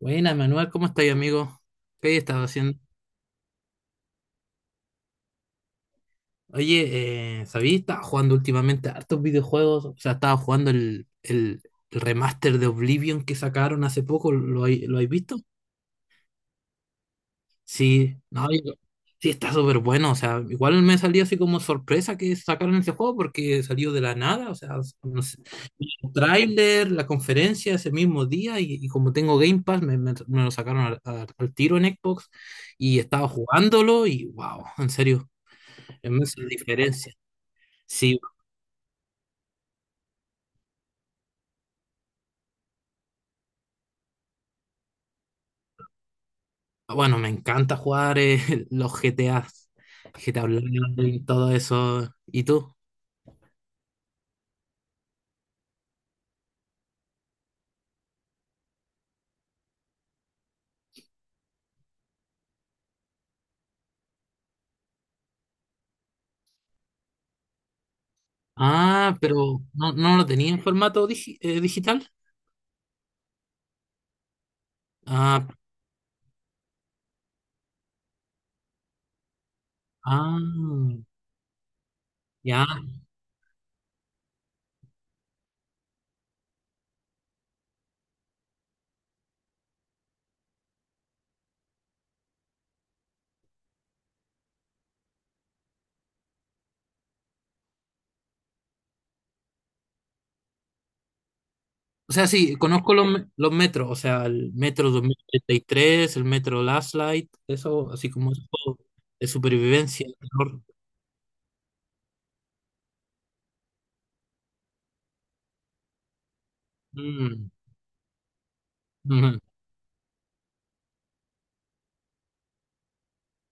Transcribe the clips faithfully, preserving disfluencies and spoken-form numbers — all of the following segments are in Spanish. Buena, Manuel, ¿cómo estáis, amigo? ¿Qué hay estado haciendo? Oye, eh, ¿sabías? Estaba jugando últimamente hartos videojuegos. O sea, estaba jugando el, el, el remaster de Oblivion que sacaron hace poco. ¿Lo, hay- lo habéis visto? Sí, no, yo- sí, está súper bueno. O sea, igual me salió así como sorpresa que sacaron ese juego porque salió de la nada. O sea, no sé, el tráiler, la conferencia ese mismo día. Y, y como tengo Game Pass, me, me- me lo sacaron al, al al tiro en Xbox. Y estaba jugándolo y wow, en serio. Es más, sin diferencia. Sí, bueno, me encanta jugar eh, los G T A, G T A Online, todo eso. ¿Y tú? Ah, pero no, no lo tenía en formato digi- eh, digital. Ah, ah, ya. O sea, sí, conozco los, me- los metros, o sea, el Metro dos mil treinta y tres, el Metro Last Light, eso, así como eso de supervivencia, terror. Mm, ujú.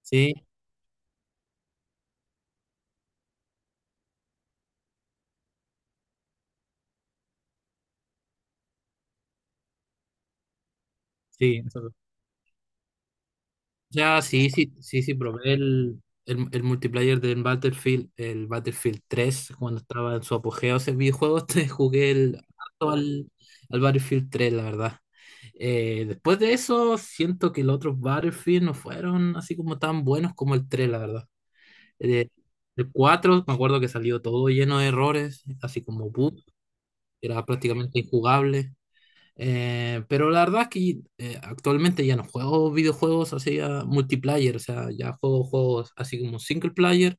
Sí, sí. Ya, sí, sí, sí, sí, probé el, el, el multiplayer del Battlefield, el Battlefield tres cuando estaba en su apogeo ese videojuego, te jugué el, harto al, al Battlefield tres la verdad. Eh, después de eso, siento que los otros Battlefield no fueron así como tan buenos como el tres la verdad. Eh, el cuatro me acuerdo que salió todo lleno de errores, así como boot, era prácticamente injugable. Eh, pero la verdad es que eh, actualmente ya no juego videojuegos así a multiplayer, o sea, ya juego juegos así como single player.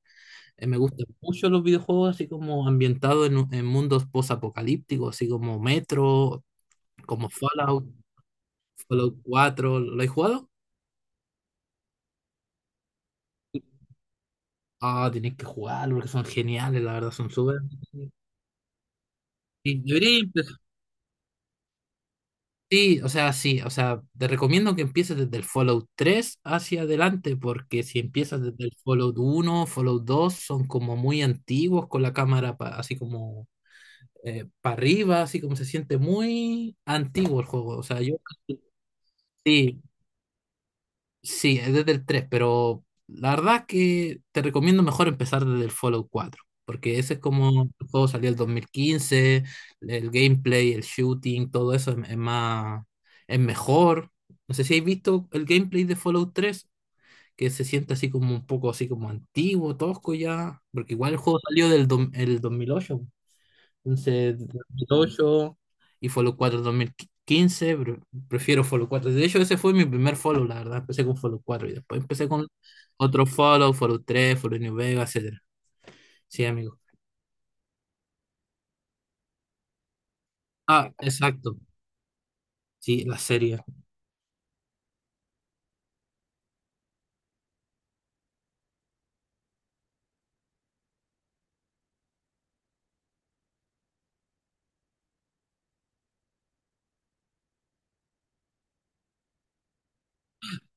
Eh, me gustan mucho los videojuegos así como ambientados en, en mundos post-apocalípticos, así como Metro, como Fallout, Fallout cuatro. ¿Lo has jugado? Ah, tenéis que jugarlo porque son geniales, la verdad, son súper. Y debería. Sí, o sea, sí, o sea, te recomiendo que empieces desde el Fallout tres hacia adelante, porque si empiezas desde el Fallout uno, Fallout dos, son como muy antiguos con la cámara pa- así como para arriba, así como se siente muy antiguo el juego. O sea, yo sí. Sí, es desde el tres, pero la verdad que te recomiendo mejor empezar desde el Fallout cuatro, porque ese es como, el juego salió el dos mil quince, el gameplay, el shooting, todo eso es, es más, es mejor. No sé si habéis visto el gameplay de Fallout tres, que se siente así como un poco así como antiguo, tosco ya, porque igual el juego salió del dom- el dos mil ocho. Entonces, dos mil ocho y Follow cuatro dos mil quince, pero prefiero Follow cuatro. De hecho, ese fue mi primer Follow, la verdad. Empecé con Follow cuatro y después empecé con otro Follow, Follow tres, Follow New Vegas, etcétera. Sí, amigo. Ah, exacto. Sí, la serie.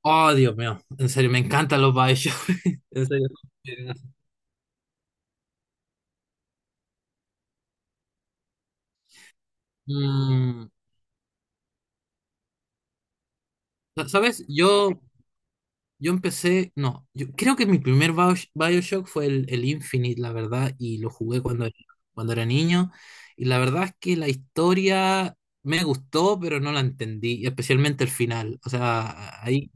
Oh, Dios mío. En serio, me encantan los Bioshock. En serio. Mm, ¿sabes? Yo Yo empecé, no, yo creo que mi primer Bio- BioShock fue el, el Infinite, la verdad, y lo jugué cuando, cuando era niño. Y la verdad es que la historia me gustó, pero no la entendí, y especialmente el final. O sea, ahí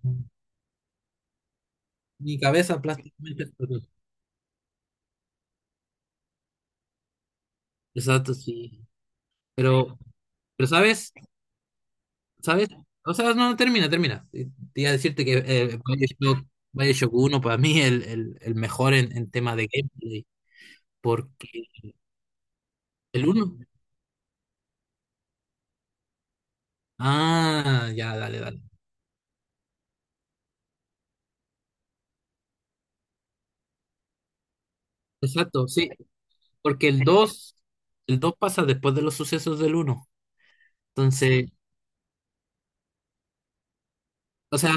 mi cabeza plásticamente explotó. Exacto, sí. Pero, pero sabes, sabes, o sea, no, termina, termina. Te te iba a decirte que eh, BioShock, BioShock uno para mí el, el, el mejor en, en tema de gameplay, porque el uno. Ah, ya, dale, dale. Exacto, sí, porque el dos, el dos pasa después de los sucesos del uno. Entonces, o sea,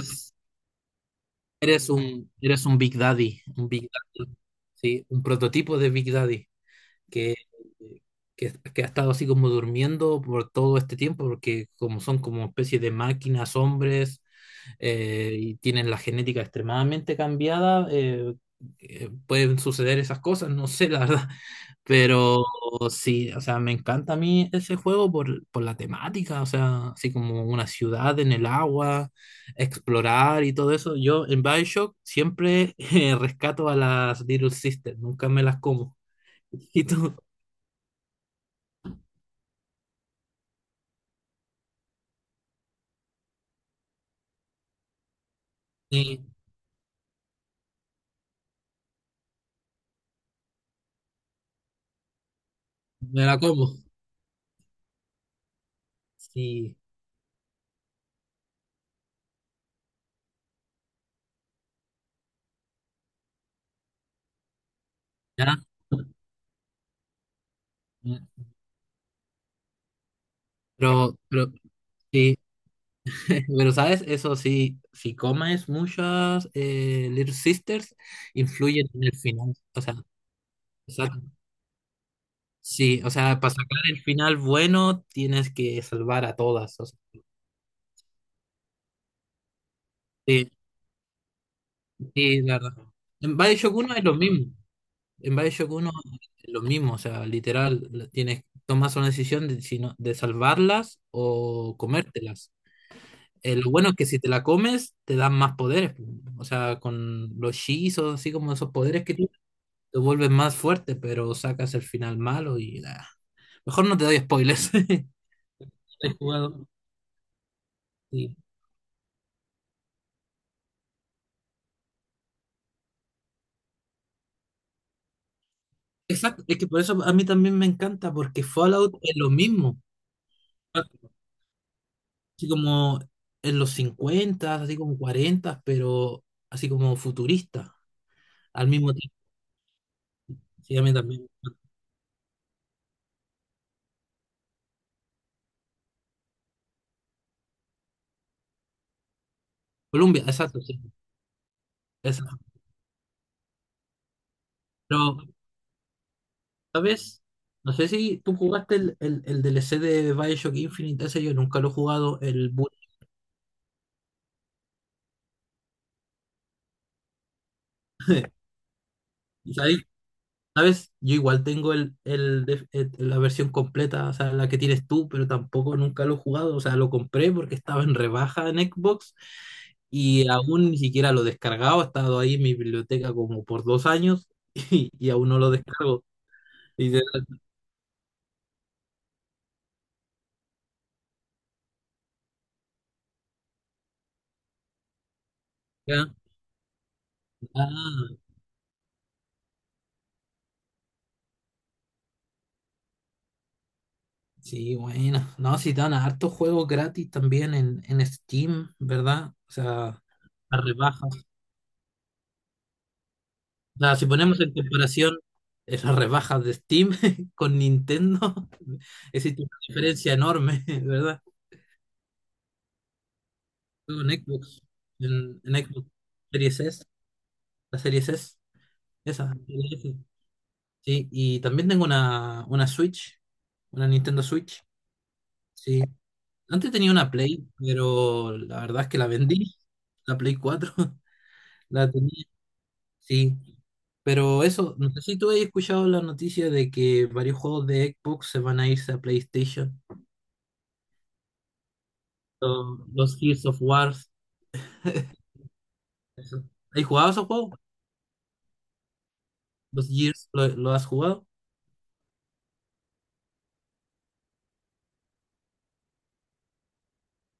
eres un, eres un Big Daddy, un Big Daddy, sí, un prototipo de Big Daddy que, que, que ha estado así como durmiendo por todo este tiempo, porque como son como especie de máquinas, hombres, eh, y tienen la genética extremadamente cambiada, eh, eh, pueden suceder esas cosas, no sé, la verdad. Pero sí, o sea, me encanta a mí ese juego por, por la temática, o sea, así como una ciudad en el agua, explorar y todo eso. Yo en BioShock siempre eh, rescato a las Little Sisters, nunca me las como. ¿Y tú? Sí, me la como. Sí, ya. Pero, pero, sí, pero, ¿sabes? Eso sí, si comes muchas eh, Little Sisters, influyen en el final. O sea, exacto. Sí, o sea, para sacar el final bueno, tienes que salvar a todas. O sea, sí, sí, la verdad. En BioShock uno es lo mismo. En BioShock uno es lo mismo. O sea, literal, la- tienes, tomas una decisión de, si no- de salvarlas o comértelas. Eh, lo bueno es que si te la comes, te dan más poderes. O sea, con los hechizos, así como esos poderes que tienes, te vuelves más fuerte, pero sacas el final malo y ah, mejor no te doy spoilers. He jugado, sí. Exacto, es que por eso a mí también me encanta, porque Fallout es lo mismo. Así como en los cincuenta, así como cuarenta, pero así como futurista, al mismo tiempo. Sí, a mí también. Colombia, exacto, sí. Exacto. Pero, ¿sabes? No sé si tú jugaste el, el, el D L C de Bioshock Infinite, ese yo nunca lo he jugado, el Bullet. ¿Sabes? Yo igual tengo el, el def- el- la versión completa, o sea, la que tienes tú, pero tampoco nunca lo he jugado. O sea, lo compré porque estaba en rebaja en Xbox y aún ni siquiera lo he descargado. Ha estado ahí en mi biblioteca como por dos años y, y aún no lo descargo. Y de verdad, ah, sí, bueno. No, si dan hartos juegos gratis también en, en Steam, ¿verdad? O sea, a rebaja. Sea, si ponemos en comparación eh, las rebajas de Steam con Nintendo, existe una diferencia enorme, ¿verdad? Juego en Xbox, en, en Xbox Series S, la Series S, esa, Series S. Sí, y también tengo una, una Switch, una Nintendo Switch, sí. Antes tenía una Play, pero la verdad es que la vendí, la Play cuatro. La tenía. Sí, pero eso, no sé si tú has escuchado la noticia de que varios juegos de Xbox se van a irse a PlayStation. Lo- los Gears of War, eso. ¿Has jugado esos juegos? ¿Los Gears lo, lo has jugado?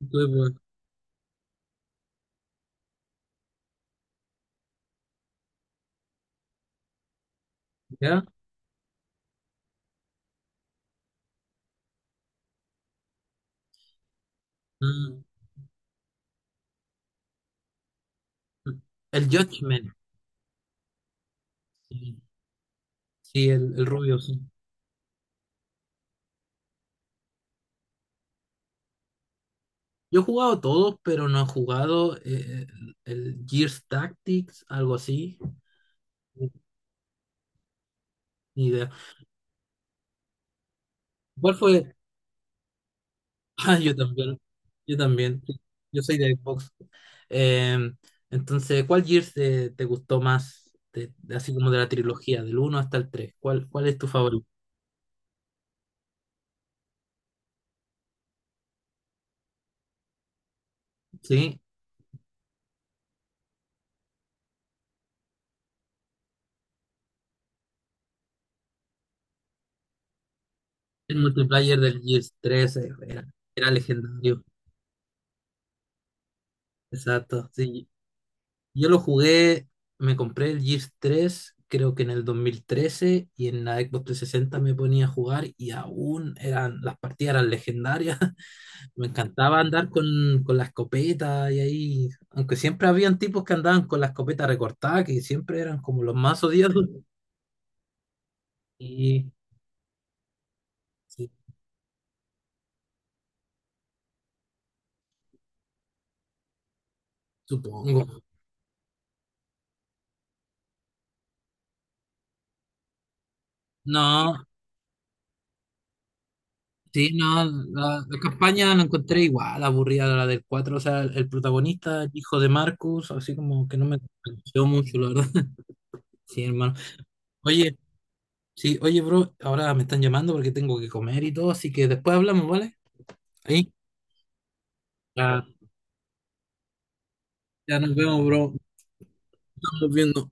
Tú, pues, ¿ya? Mm, mm, el Judgment. Sí, sí, el, el rubio, sí. Yo he jugado todos, pero no he jugado eh, el, el Gears Tactics, algo así. Ni idea. ¿Cuál fue? Ah, yo también, yo también, sí. Yo soy de Xbox. Em, entonces, ¿cuál Gears te te gustó más? De- de- así como de la trilogía, del uno hasta el tres. ¿Cuál, cuál es tu favorito? Sí, el multiplayer del Gears tres eh, era, era legendario. Exacto, sí. Yo lo jugué, me compré el Gears tres creo que en el dos mil trece y en la Xbox trescientos sesenta me ponía a jugar y aún eran, las partidas eran legendarias. Me encantaba andar con, con la escopeta y ahí, aunque siempre habían tipos que andaban con la escopeta recortada, que siempre eran como los más odiosos. Y sí, supongo. No, sí, no, la, la campaña la encontré igual, aburrida la del cuatro, o sea, el, el protagonista, el hijo de Marcus, así como que no me convenció mucho, la verdad. Sí, hermano. Oye, sí, oye, bro, ahora me están llamando porque tengo que comer y todo, así que después hablamos, ¿vale? Ahí. Ya, ya nos vemos, bro. Estamos viendo.